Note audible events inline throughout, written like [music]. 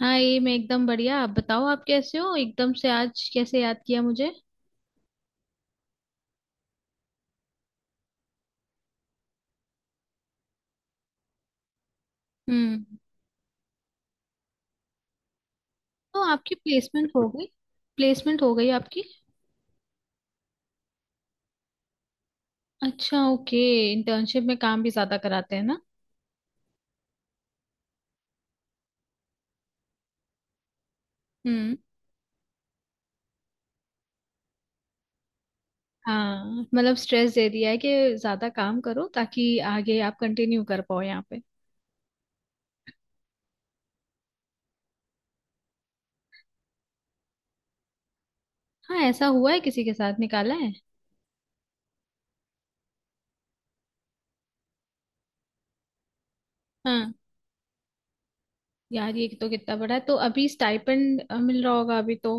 हाँ, ये मैं एकदम बढ़िया। आप बताओ, आप कैसे हो? एकदम से आज कैसे याद किया मुझे? हम्म। तो आपकी प्लेसमेंट हो गई? प्लेसमेंट हो गई आपकी? अच्छा, ओके। इंटर्नशिप में काम भी ज्यादा कराते हैं ना? हम्म। हाँ, मतलब स्ट्रेस दे दिया है कि ज्यादा काम करो ताकि आगे आप कंटिन्यू कर पाओ यहाँ पे। हाँ, ऐसा हुआ है किसी के साथ? निकाला है? हाँ, यार ये तो कितना बड़ा है। तो अभी स्टाइपेंड मिल रहा होगा अभी तो?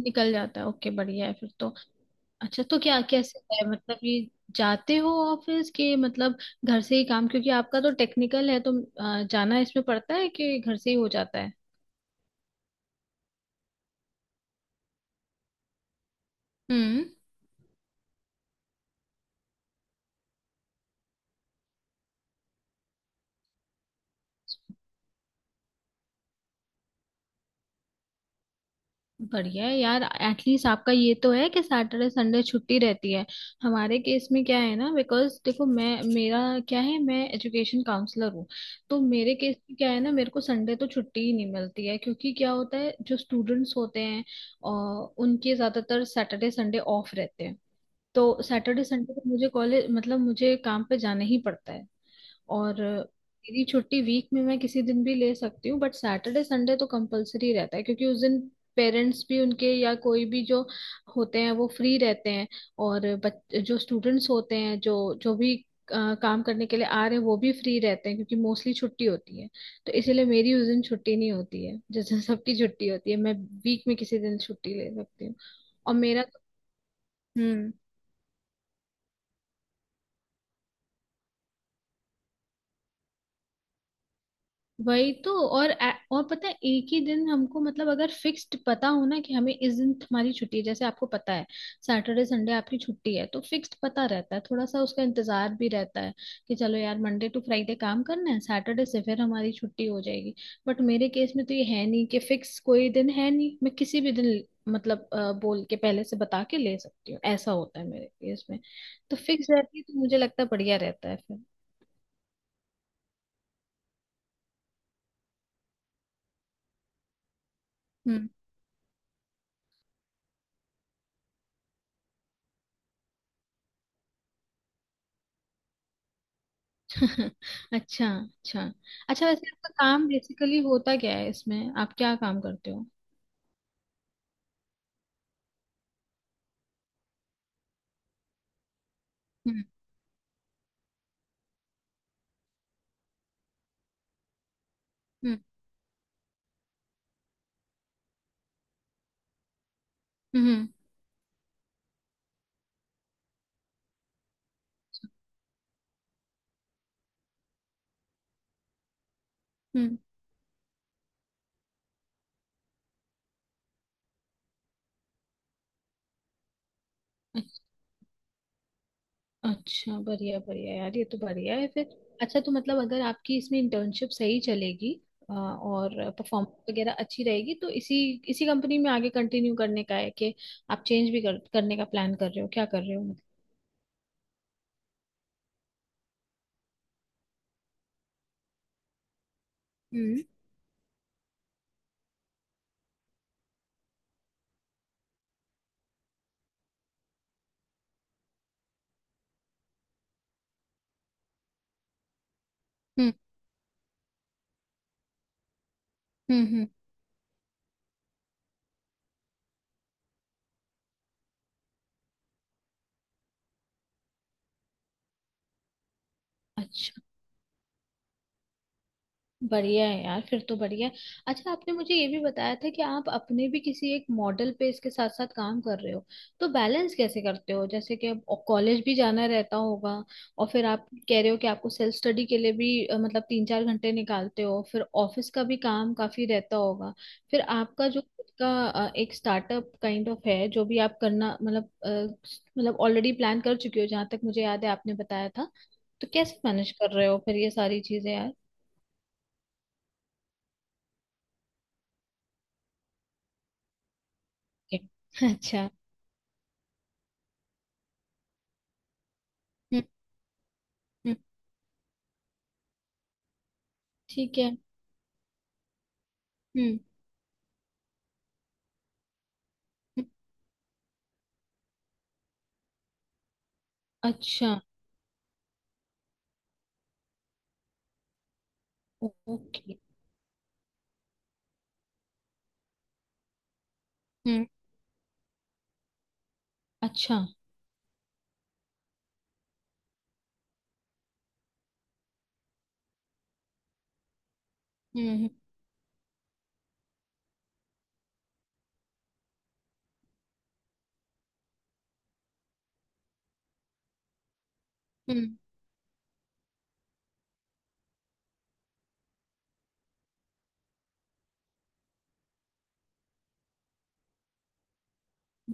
निकल जाता है, ओके, बढ़िया है फिर तो। अच्छा, तो क्या कैसे है मतलब, ये जाते हो ऑफिस, के मतलब घर से ही काम, क्योंकि आपका तो टेक्निकल है तो जाना इसमें पड़ता है कि घर से ही हो जाता है? हम्म। बढ़िया है यार, एटलीस्ट आपका ये तो है कि सैटरडे संडे छुट्टी रहती है। हमारे केस में क्या है ना, बिकॉज देखो, मैं मेरा क्या है, मैं एजुकेशन काउंसलर हूँ। तो मेरे केस में क्या है ना, मेरे को संडे तो छुट्टी ही नहीं मिलती है, क्योंकि क्या होता है, जो स्टूडेंट्स होते हैं और उनके ज्यादातर सैटरडे संडे ऑफ रहते हैं, तो सैटरडे संडे को मुझे कॉलेज मतलब मुझे काम पे जाना ही पड़ता है। और मेरी छुट्टी वीक में मैं किसी दिन भी ले सकती हूँ, बट सैटरडे संडे तो कंपलसरी रहता है, क्योंकि उस दिन पेरेंट्स भी उनके या कोई भी जो होते हैं वो फ्री रहते हैं। और जो स्टूडेंट्स होते हैं जो जो भी काम करने के लिए आ रहे हैं वो भी फ्री रहते हैं, क्योंकि मोस्टली छुट्टी होती है। तो इसीलिए मेरी उस दिन छुट्टी नहीं होती है जिस दिन सबकी छुट्टी होती है। मैं वीक में किसी दिन छुट्टी ले सकती हूँ। और मेरा तो वही तो। और और पता है, एक ही दिन हमको मतलब, अगर फिक्स्ड पता हो ना कि हमें इस दिन हमारी छुट्टी है, जैसे आपको पता है सैटरडे संडे आपकी छुट्टी है तो फिक्स्ड पता रहता है, थोड़ा सा उसका इंतजार भी रहता है कि चलो यार, मंडे टू फ्राइडे काम करना है, सैटरडे से फिर हमारी छुट्टी हो जाएगी। बट मेरे केस में तो ये है नहीं कि फिक्स कोई दिन है, नहीं, मैं किसी भी दिन मतलब बोल के, पहले से बता के ले सकती हूँ, ऐसा होता है मेरे केस में। तो फिक्स रहती है तो मुझे लगता है बढ़िया रहता है फिर। [laughs] अच्छा, अच्छा। अच्छा, वैसे आपका काम बेसिकली होता क्या है, इसमें आप क्या काम करते हो? हम्म, हम्म, हम्म, हम्म। अच्छा, बढ़िया, बढ़िया यार, ये तो बढ़िया है फिर। अच्छा, तो मतलब अगर आपकी इसमें इंटर्नशिप सही चलेगी, और परफॉर्मेंस वगैरह अच्छी रहेगी तो इसी इसी कंपनी में आगे कंटिन्यू करने का है, कि आप चेंज भी करने का प्लान कर रहे हो, क्या कर रहे हो मतलब? हम्म, हम्म, हम्म, अच्छा, बढ़िया है यार फिर तो, बढ़िया है। अच्छा, आपने मुझे ये भी बताया था कि आप अपने भी किसी एक मॉडल पे इसके साथ साथ काम कर रहे हो, तो बैलेंस कैसे करते हो, जैसे कि अब कॉलेज भी जाना रहता होगा, और फिर आप कह रहे हो कि आपको सेल्फ स्टडी के लिए भी मतलब 3 4 घंटे निकालते हो, फिर ऑफिस का भी काम काफी रहता होगा, फिर आपका जो खुद का एक स्टार्टअप काइंड ऑफ है, जो भी आप करना मतलब मतलब ऑलरेडी प्लान कर चुके हो जहाँ तक मुझे याद है आपने बताया था। तो कैसे मैनेज कर रहे हो फिर ये सारी चीजें यार? ओके। अच्छा। हम्म, हम्म। ठीक है। हम्म, हम्म। अच्छा। ओके। हम्म। अच्छा। हम्म, हम्म, हम्म।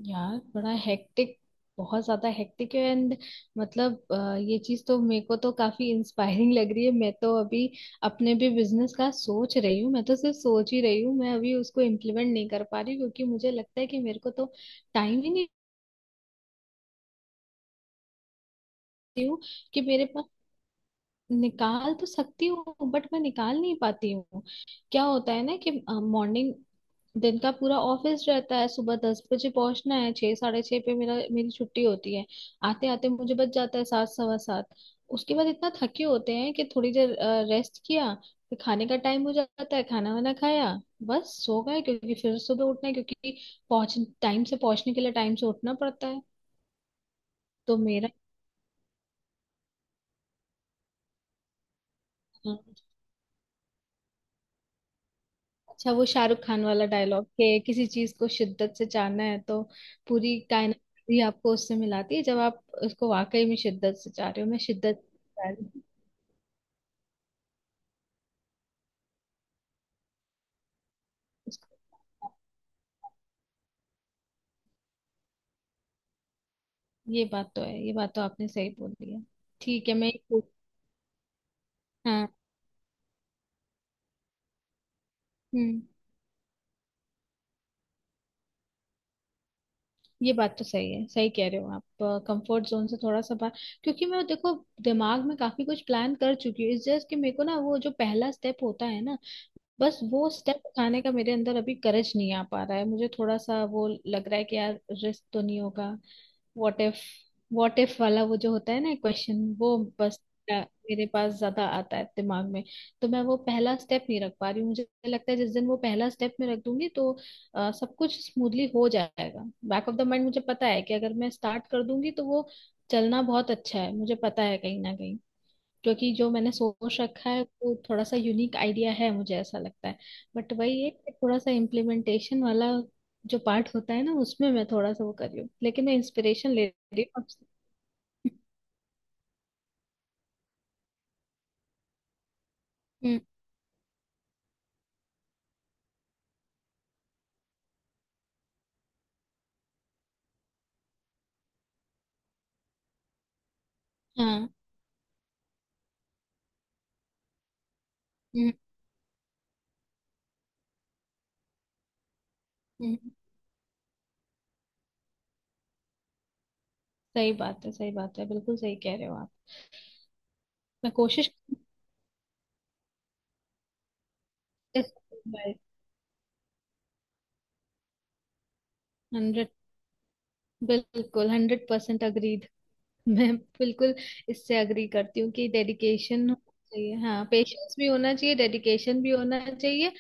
यार, बड़ा हेक्टिक, बहुत ज्यादा हेक्टिक है एंड। मतलब ये चीज तो मेरे को तो काफी इंस्पायरिंग लग रही है। मैं तो अभी अपने भी बिजनेस का सोच रही हूँ, मैं तो सिर्फ सोच ही रही हूँ, मैं अभी उसको इम्प्लीमेंट नहीं कर पा रही हूँ, क्योंकि मुझे लगता है कि मेरे को तो टाइम ही नहीं। हूँ, कि मेरे पास, निकाल तो सकती हूँ बट मैं निकाल नहीं पाती हूँ। क्या होता है ना कि मॉर्निंग, दिन का पूरा ऑफिस रहता है, सुबह 10 बजे पहुंचना है, 6, 6:30 पे मेरा मेरी छुट्टी होती है। आते आते मुझे बच जाता है 7, 7:15। उसके बाद इतना थके होते हैं कि थोड़ी देर रेस्ट किया, फिर खाने का टाइम हो जाता है, खाना वाना खाया, बस सो गए, क्योंकि फिर सुबह उठना है, क्योंकि पहुंच टाइम से पहुंचने के लिए टाइम से उठना पड़ता है। तो मेरा हाँ। अच्छा, वो शाहरुख खान वाला डायलॉग कि किसी चीज को शिद्दत से चाहना है तो पूरी कायनात भी आपको उससे मिलाती है जब आप उसको वाकई में शिद्दत से चाह रहे हो। मैं शिद्दत से चाह रही हूँ। उसको- ये बात तो है, ये बात तो आपने सही बोली है। ठीक है। मैं हाँ। हम्म। ये बात तो सही है, सही कह रहे हो आप। कंफर्ट जोन से थोड़ा सा बाहर, क्योंकि मैं देखो, दिमाग में काफी कुछ प्लान कर चुकी हूँ, इस जस्ट कि मेरे को ना वो जो पहला स्टेप होता है ना, बस वो स्टेप उठाने का मेरे अंदर अभी करज नहीं आ पा रहा है। मुझे थोड़ा सा वो लग रहा है कि यार रिस्क तो नहीं होगा, व्हाट इफ, व्हाट इफ वाला वो जो होता है ना क्वेश्चन, वो बस अ, मेरे पास ज्यादा आता है दिमाग में। तो मैं वो पहला स्टेप नहीं रख पा रही हूँ, मुझे लगता है जिस दिन वो पहला स्टेप में रख दूंगी तो सब कुछ स्मूथली हो जाएगा। बैक ऑफ द माइंड मुझे पता है कि अगर मैं स्टार्ट कर दूंगी तो वो चलना बहुत अच्छा है, मुझे पता है, कहीं ना कहीं, क्योंकि जो मैंने सोच रखा है वो थोड़ा सा यूनिक आइडिया है मुझे ऐसा लगता है। बट वही है कि थोड़ा सा इम्प्लीमेंटेशन वाला जो पार्ट होता है ना, उसमें मैं थोड़ा सा वो कर रही हूँ, लेकिन मैं इंस्पिरेशन ले रही हूँ आपसे। हम्म, हाँ, हम्म, हम्म। सही बात है, सही बात है, बिल्कुल सही कह रहे हो आप। मैं कोशिश 100, बिल्कुल 100% अग्री। मैं बिल्कुल इससे अग्री करती हूँ कि डेडिकेशन होना चाहिए। हाँ, पेशेंस भी होना चाहिए, डेडिकेशन भी होना चाहिए।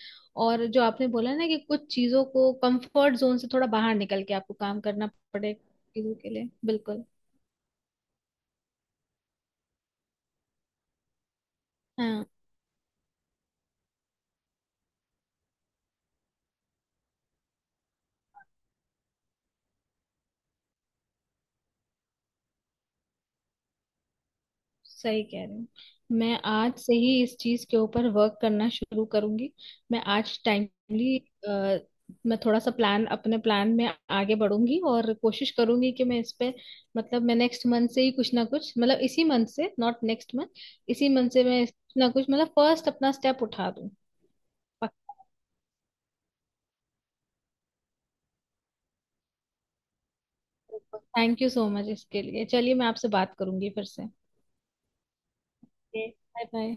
और जो आपने बोला ना कि कुछ चीजों को कंफर्ट जोन से थोड़ा बाहर निकल के आपको काम करना पड़ेगा, चीजों के लिए बिल्कुल। हाँ, सही कह रहे हो। मैं आज से ही इस चीज के ऊपर वर्क करना शुरू करूंगी। मैं आज टाइमली, मैं थोड़ा सा प्लान, अपने प्लान में आगे बढ़ूंगी और कोशिश करूंगी कि मैं इस पे मतलब, मैं नेक्स्ट मंथ से ही कुछ ना कुछ, मतलब इसी मंथ से, नॉट नेक्स्ट मंथ, इसी मंथ से मैं कुछ ना कुछ मतलब फर्स्ट अपना स्टेप उठा दूं। थैंक यू सो मच इसके लिए। चलिए, मैं आपसे बात करूंगी फिर से। Bye, bye.